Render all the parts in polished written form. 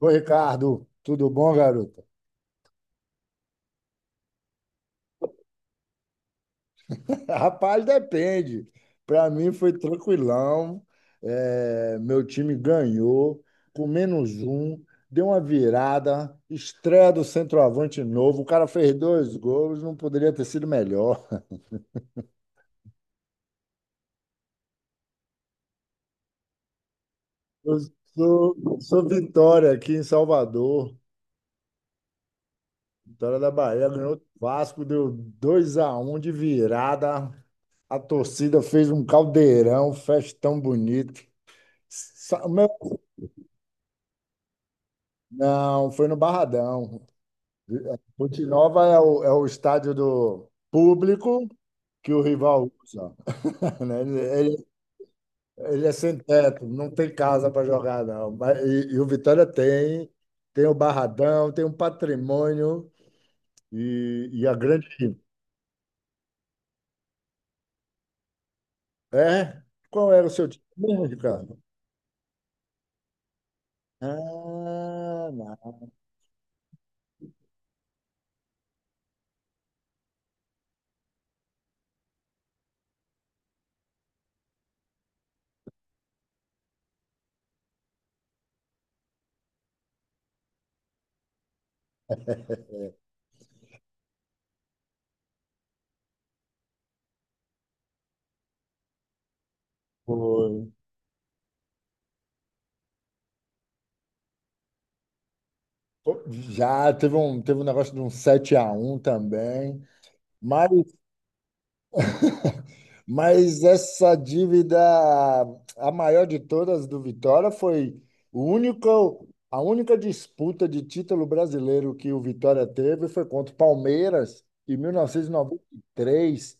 Ô, Ricardo, tudo bom, garoto? Rapaz, depende. Para mim foi tranquilão. É, meu time ganhou com menos um, deu uma virada, estreia do centroavante novo. O cara fez dois gols, não poderia ter sido melhor. Eu sou Vitória aqui em Salvador. Vitória da Bahia ganhou do Vasco, deu 2 a um de virada. A torcida fez um caldeirão, festão bonito. Sa- Meu Não, foi no Barradão. Ponte Nova é o estádio do público que o rival usa. Né? Ele é sem teto, não tem casa para jogar, não. E o Vitória tem, tem o Barradão, tem um patrimônio e a grande. É? Qual era o seu time mesmo, Ricardo? Ah, não. Foi. Pô, já teve um negócio de um 7 a um também. Mas Mas essa dívida, a maior de todas do Vitória, foi o único, a única disputa de título brasileiro que o Vitória teve foi contra o Palmeiras em 1993. E noventa e três.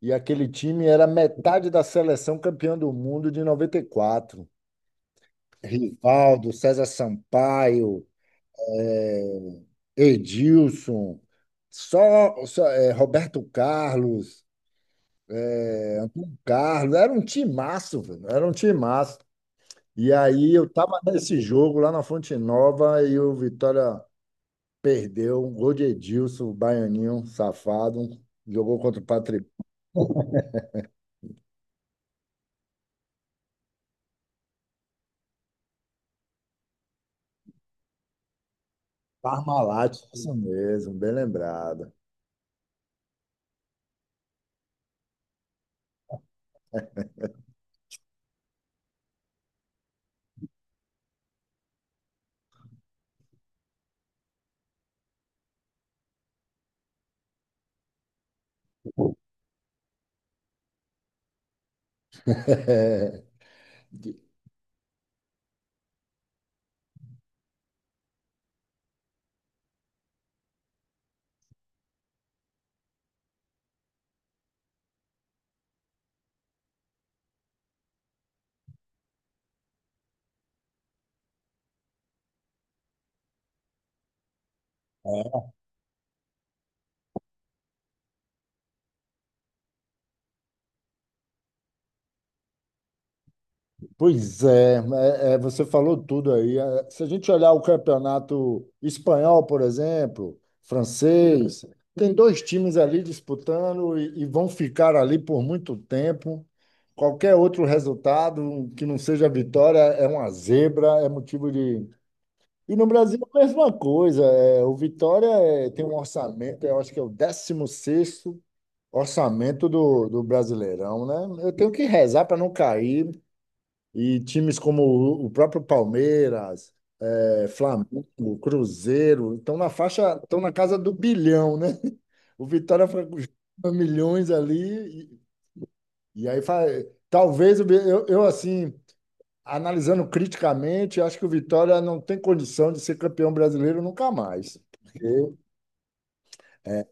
E aquele time era metade da seleção campeã do mundo de 94. Rivaldo, César Sampaio, Edilson, só Roberto Carlos, Antônio Carlos, era um timaço, velho, era um timaço. E aí eu tava nesse jogo lá na Fonte Nova e o Vitória perdeu um gol de Edilson, o baianinho safado. Um, jogou contra o Patri Parmalat, isso mesmo, bem lembrado. É. Pois é, você falou tudo aí. É, se a gente olhar o campeonato espanhol, por exemplo, francês, tem dois times ali disputando e vão ficar ali por muito tempo. Qualquer outro resultado que não seja vitória é uma zebra, é motivo de. E no Brasil, a mesma coisa. É, o Vitória é, tem um orçamento, eu acho que é o décimo sexto orçamento do, do Brasileirão, né? Eu tenho que rezar para não cair, e times como o próprio Palmeiras, é, Flamengo, Cruzeiro, estão na faixa, estão na casa do bilhão, né? O Vitória foi com milhões ali, e aí fa- talvez o Vi- eu, assim, analisando criticamente, acho que o Vitória não tem condição de ser campeão brasileiro nunca mais. Porque é,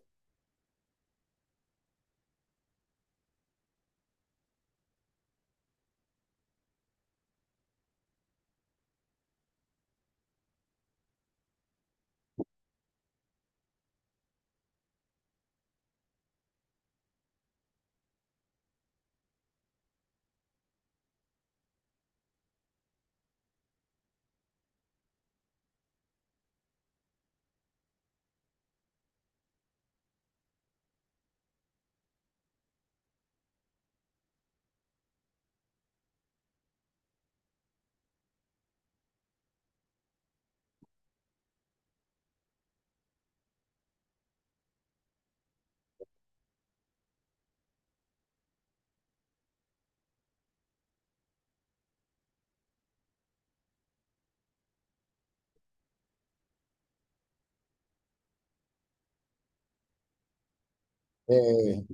é,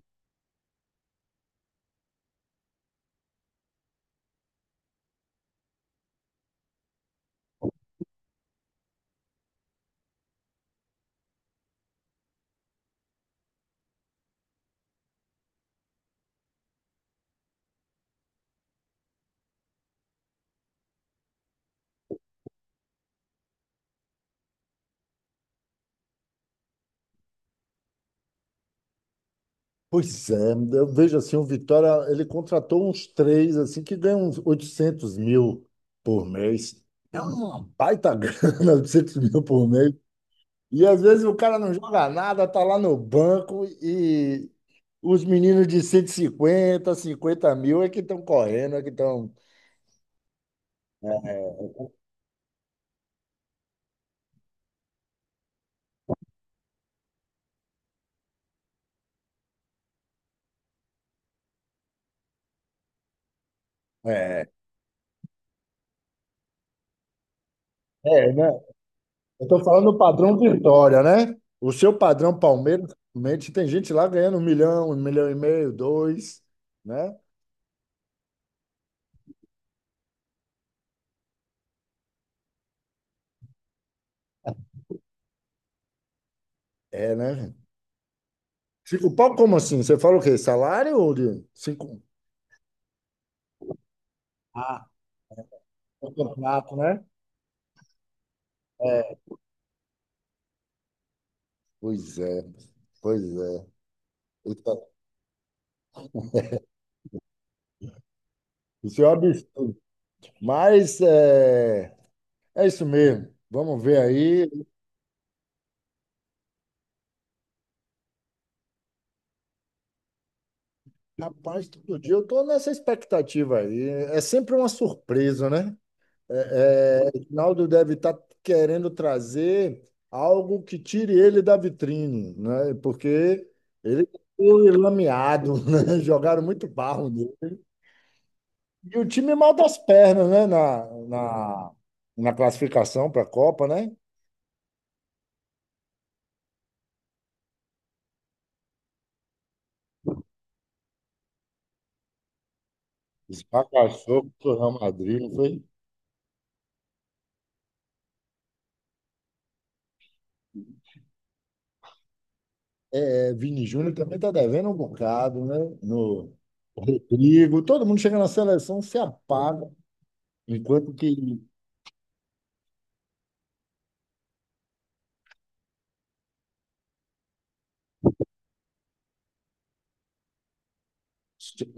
pois é, eu vejo assim, o Vitória, ele contratou uns três, assim, que ganham uns 800 mil por mês. É uma baita grana, 800 mil por mês. E às vezes o cara não joga nada, tá lá no banco e os meninos de 150 mil é que estão correndo, é que estão... É, é, né? Eu tô falando do padrão Vitória, né? O seu padrão Palmeiras, realmente, tem gente lá ganhando um milhão e meio, dois, né? É, né? Cinco pau, como assim? Você fala o quê? Salário ou de cinco? Ah, o contrato, né? É. Pois é, pois é. Isso isso é um absurdo. Mas é, é isso mesmo. Vamos ver aí. Rapaz, todo dia eu estou nessa expectativa aí. É sempre uma surpresa, né? O Ronaldo deve estar querendo trazer algo que tire ele da vitrine, né? Porque ele foi lameado, né? Jogaram muito barro nele. E o time mal das pernas, né? Na classificação para a Copa, né? Esfacaçou com o Real Madrid, não foi? É, Vini Júnior também está devendo um bocado, né? No Rodrigo, todo mundo chega na seleção, se apaga, enquanto que.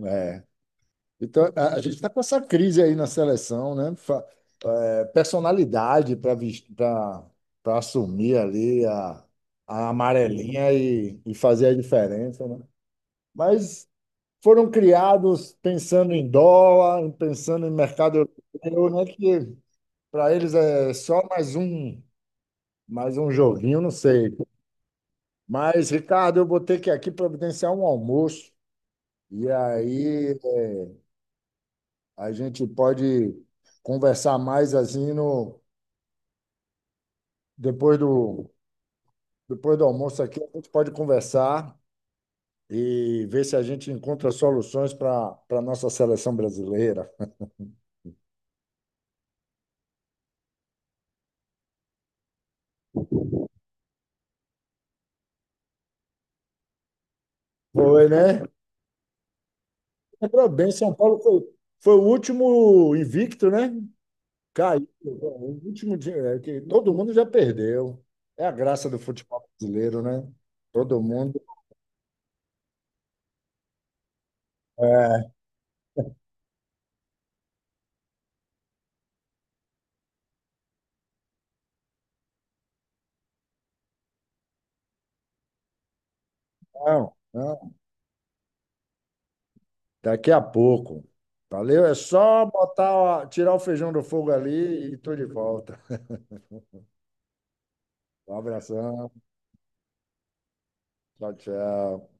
É. Então, a gente está com essa crise aí na seleção, né? Personalidade para assumir ali a amarelinha e fazer a diferença, né? Mas foram criados pensando em dólar, pensando em mercado europeu, né? Que para eles é só mais um joguinho, não sei. Mas, Ricardo, eu vou ter que aqui providenciar um almoço e aí a gente pode conversar mais assim no depois do depois do almoço aqui a gente pode conversar e ver se a gente encontra soluções para nossa seleção brasileira. Foi, né? Lembrou bem, São Paulo foi o último invicto, né? Caiu. O último dia, é que todo mundo já perdeu. É a graça do futebol brasileiro, né? Todo mundo. É, não, não. Daqui a pouco. Valeu, é só botar, tirar o feijão do fogo ali e tô de volta. Um abração. Tchau, tchau.